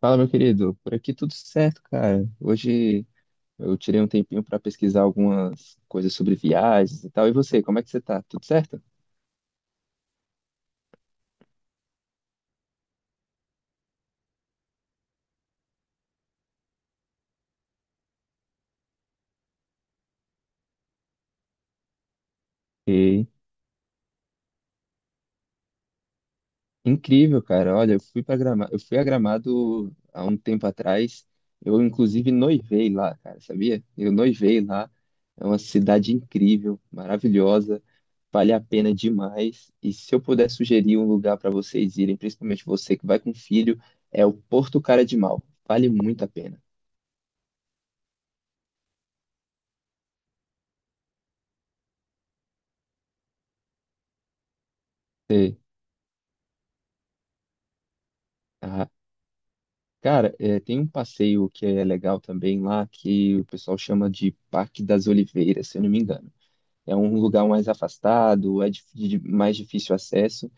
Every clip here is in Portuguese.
Fala, meu querido. Por aqui tudo certo, cara. Hoje eu tirei um tempinho para pesquisar algumas coisas sobre viagens e tal. E você, como é que você tá? Tudo certo? E incrível, cara. Olha, eu fui a Gramado há um tempo atrás. Eu inclusive noivei lá, cara, sabia? Eu noivei lá. É uma cidade incrível, maravilhosa, vale a pena demais. E se eu puder sugerir um lugar para vocês irem, principalmente você que vai com filho, é o Porto Cara de Mal. Vale muito a pena. Ah, cara, é, tem um passeio que é legal também lá, que o pessoal chama de Parque das Oliveiras, se eu não me engano. É um lugar mais afastado, é de mais difícil acesso,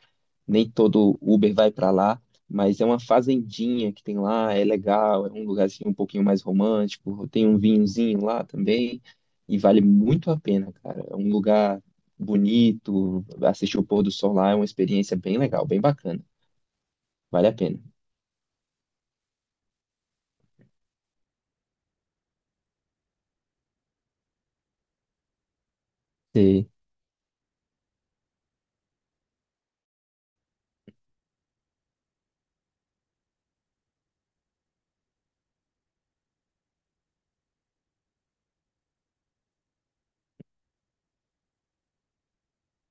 nem todo Uber vai para lá, mas é uma fazendinha que tem lá, é legal, é um lugar assim, um pouquinho mais romântico, tem um vinhozinho lá também, e vale muito a pena, cara. É um lugar bonito, assistir o pôr do sol lá é uma experiência bem legal, bem bacana, vale a pena.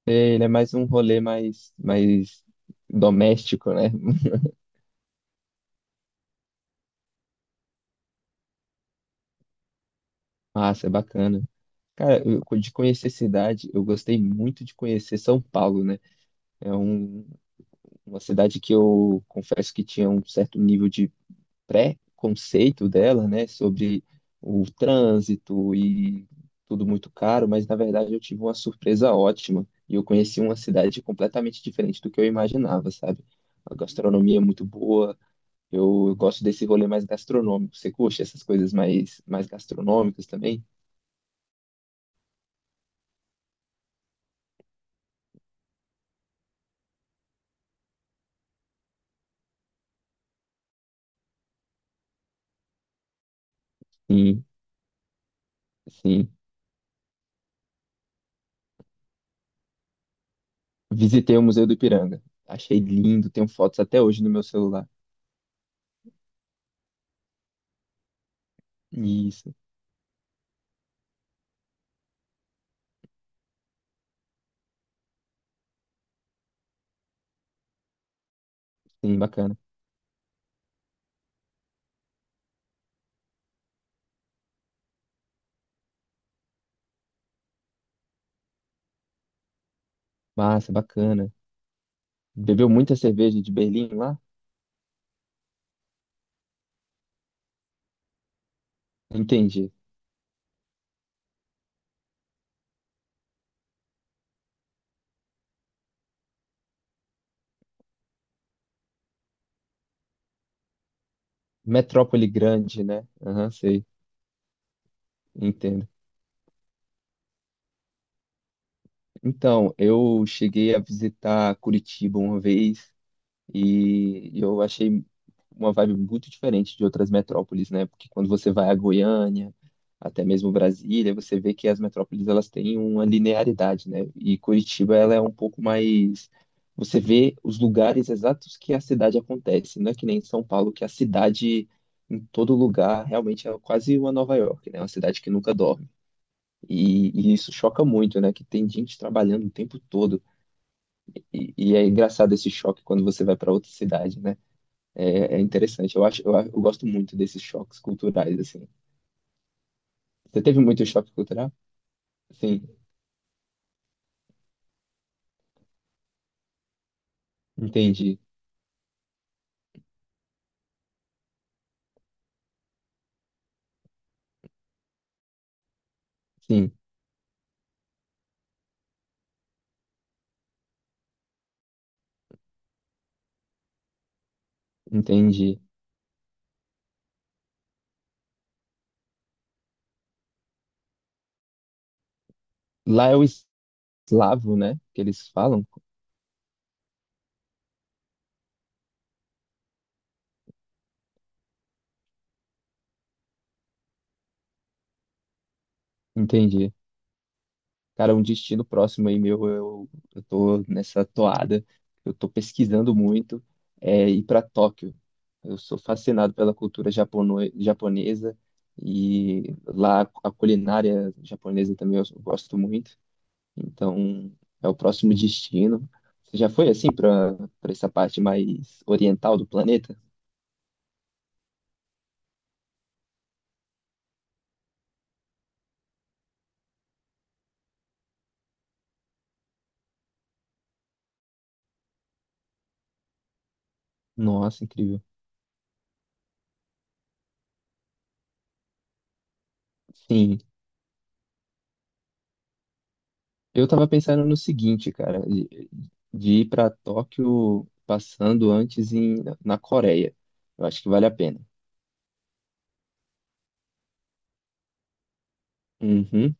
É, ele é mais um rolê mais doméstico, né? Massa, é bacana. Cara, de conhecer cidade, eu gostei muito de conhecer São Paulo, né? É um- uma cidade que eu confesso que tinha um certo nível de pré-conceito dela, né? Sobre o trânsito e tudo muito caro, mas na verdade eu tive uma surpresa ótima e eu conheci uma cidade completamente diferente do que eu imaginava, sabe? A gastronomia é muito boa. Eu gosto desse rolê mais gastronômico. Você curte essas coisas mais gastronômicas também? Sim, sim. Visitei o Museu do Ipiranga. Achei lindo, tenho fotos até hoje no meu celular. Isso, sim, bacana. Massa, bacana. Bebeu muita cerveja de Berlim lá? Entendi. Metrópole grande, né? Aham, sei, entendo. Então, eu cheguei a visitar Curitiba uma vez. E eu achei uma vibe muito diferente de outras metrópoles, né? Porque quando você vai a Goiânia, até mesmo Brasília, você vê que as metrópoles elas têm uma linearidade, né? E Curitiba ela é um pouco mais, você vê os lugares exatos que a cidade acontece, não é que nem em São Paulo que a cidade em todo lugar realmente é quase uma Nova York, né? É uma cidade que nunca dorme. E isso choca muito, né? Que tem gente trabalhando o tempo todo. E é engraçado esse choque quando você vai para outra cidade, né? É, é interessante. Eu acho, eu gosto muito desses choques culturais, assim. Você teve muito choque cultural? Sim, entendi. Sim, entendi. Lá é o eslavo, né? Que eles falam. Entendi. Cara, um destino próximo aí meu, eu tô nessa toada. Eu tô pesquisando muito. É ir para Tóquio. Eu sou fascinado pela cultura japono japonesa e lá a culinária japonesa também eu gosto muito. Então, é o próximo destino. Você já foi assim para essa parte mais oriental do planeta? Nossa, incrível. Sim, eu tava pensando no seguinte, cara, de ir para Tóquio passando antes na Coreia. Eu acho que vale a pena. Uhum.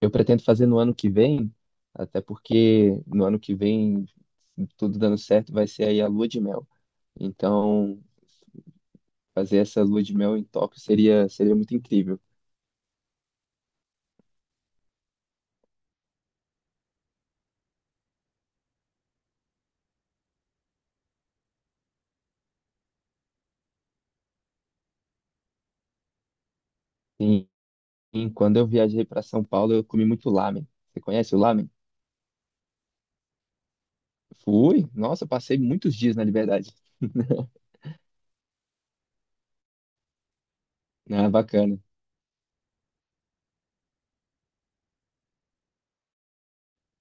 Eu pretendo fazer no ano que vem, até porque no ano que vem, tudo dando certo, vai ser aí a lua de mel. Então, fazer essa lua de mel em Tóquio seria muito incrível. Sim, quando eu viajei para São Paulo, eu comi muito lamen. Você conhece o lamen? Fui. Nossa, eu passei muitos dias na Liberdade. Ah, bacana.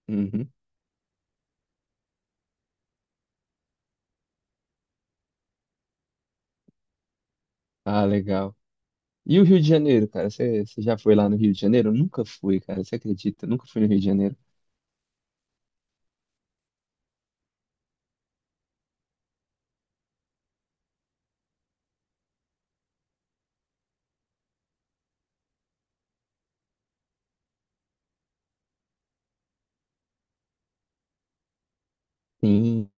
Uhum. Ah, legal. E o Rio de Janeiro, cara? Você já foi lá no Rio de Janeiro? Eu nunca fui, cara. Você acredita? Eu nunca fui no Rio de Janeiro. Sim,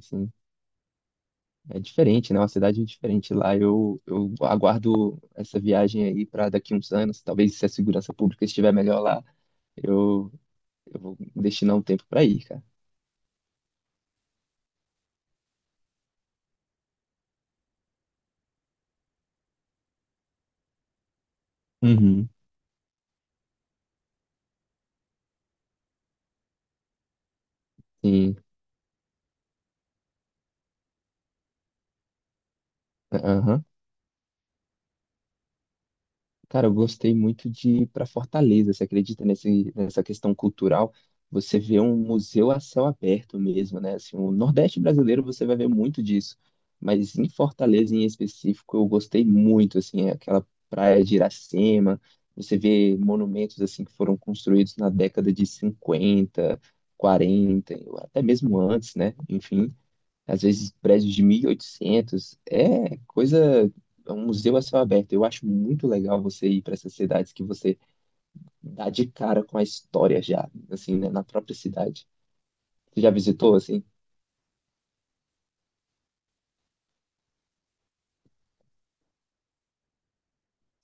sim. É diferente, né? Uma cidade diferente lá. Eu, aguardo essa viagem aí para daqui uns anos. Talvez se a segurança pública estiver melhor lá, eu, eu vou destinar um tempo para ir, cara. Uhum. Sim. Aham. Cara, eu gostei muito de ir para Fortaleza. Você acredita nessa questão cultural? Você vê um museu a céu aberto mesmo, né? Assim, o Nordeste brasileiro você vai ver muito disso. Mas em Fortaleza, em específico, eu gostei muito, assim, é aquela praia de Iracema. Você vê monumentos, assim, que foram construídos na década de 50, 40, ou até mesmo antes, né? Enfim, às vezes prédios de 1800. É coisa, é um museu a céu aberto. Eu acho muito legal você ir para essas cidades que você dá de cara com a história já, assim, né, na própria cidade. Você já visitou, assim?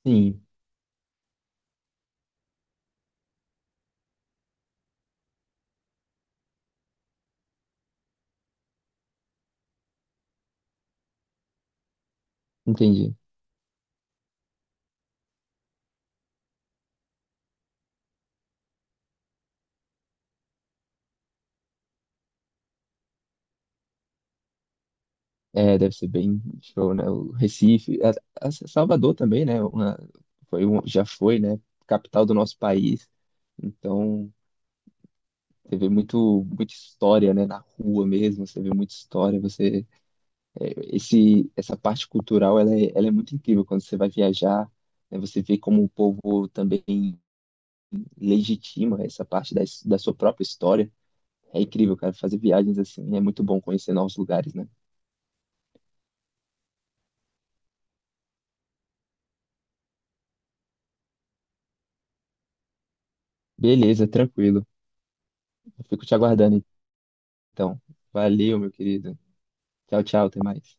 Sim, entendi. É, deve ser bem show, né? O Recife, a Salvador também, né? Uma, foi um, já foi, né? Capital do nosso país. Então, você vê muito, muita história, né? Na rua mesmo, você vê muita história, essa parte cultural, ela é muito incrível quando você vai viajar, né, você vê como o povo também legitima essa parte da, da sua própria história. É incrível, cara, fazer viagens assim, é muito bom conhecer novos lugares, né? Beleza, tranquilo. Eu fico te aguardando, então. Valeu, meu querido. Tchau, tchau, até mais.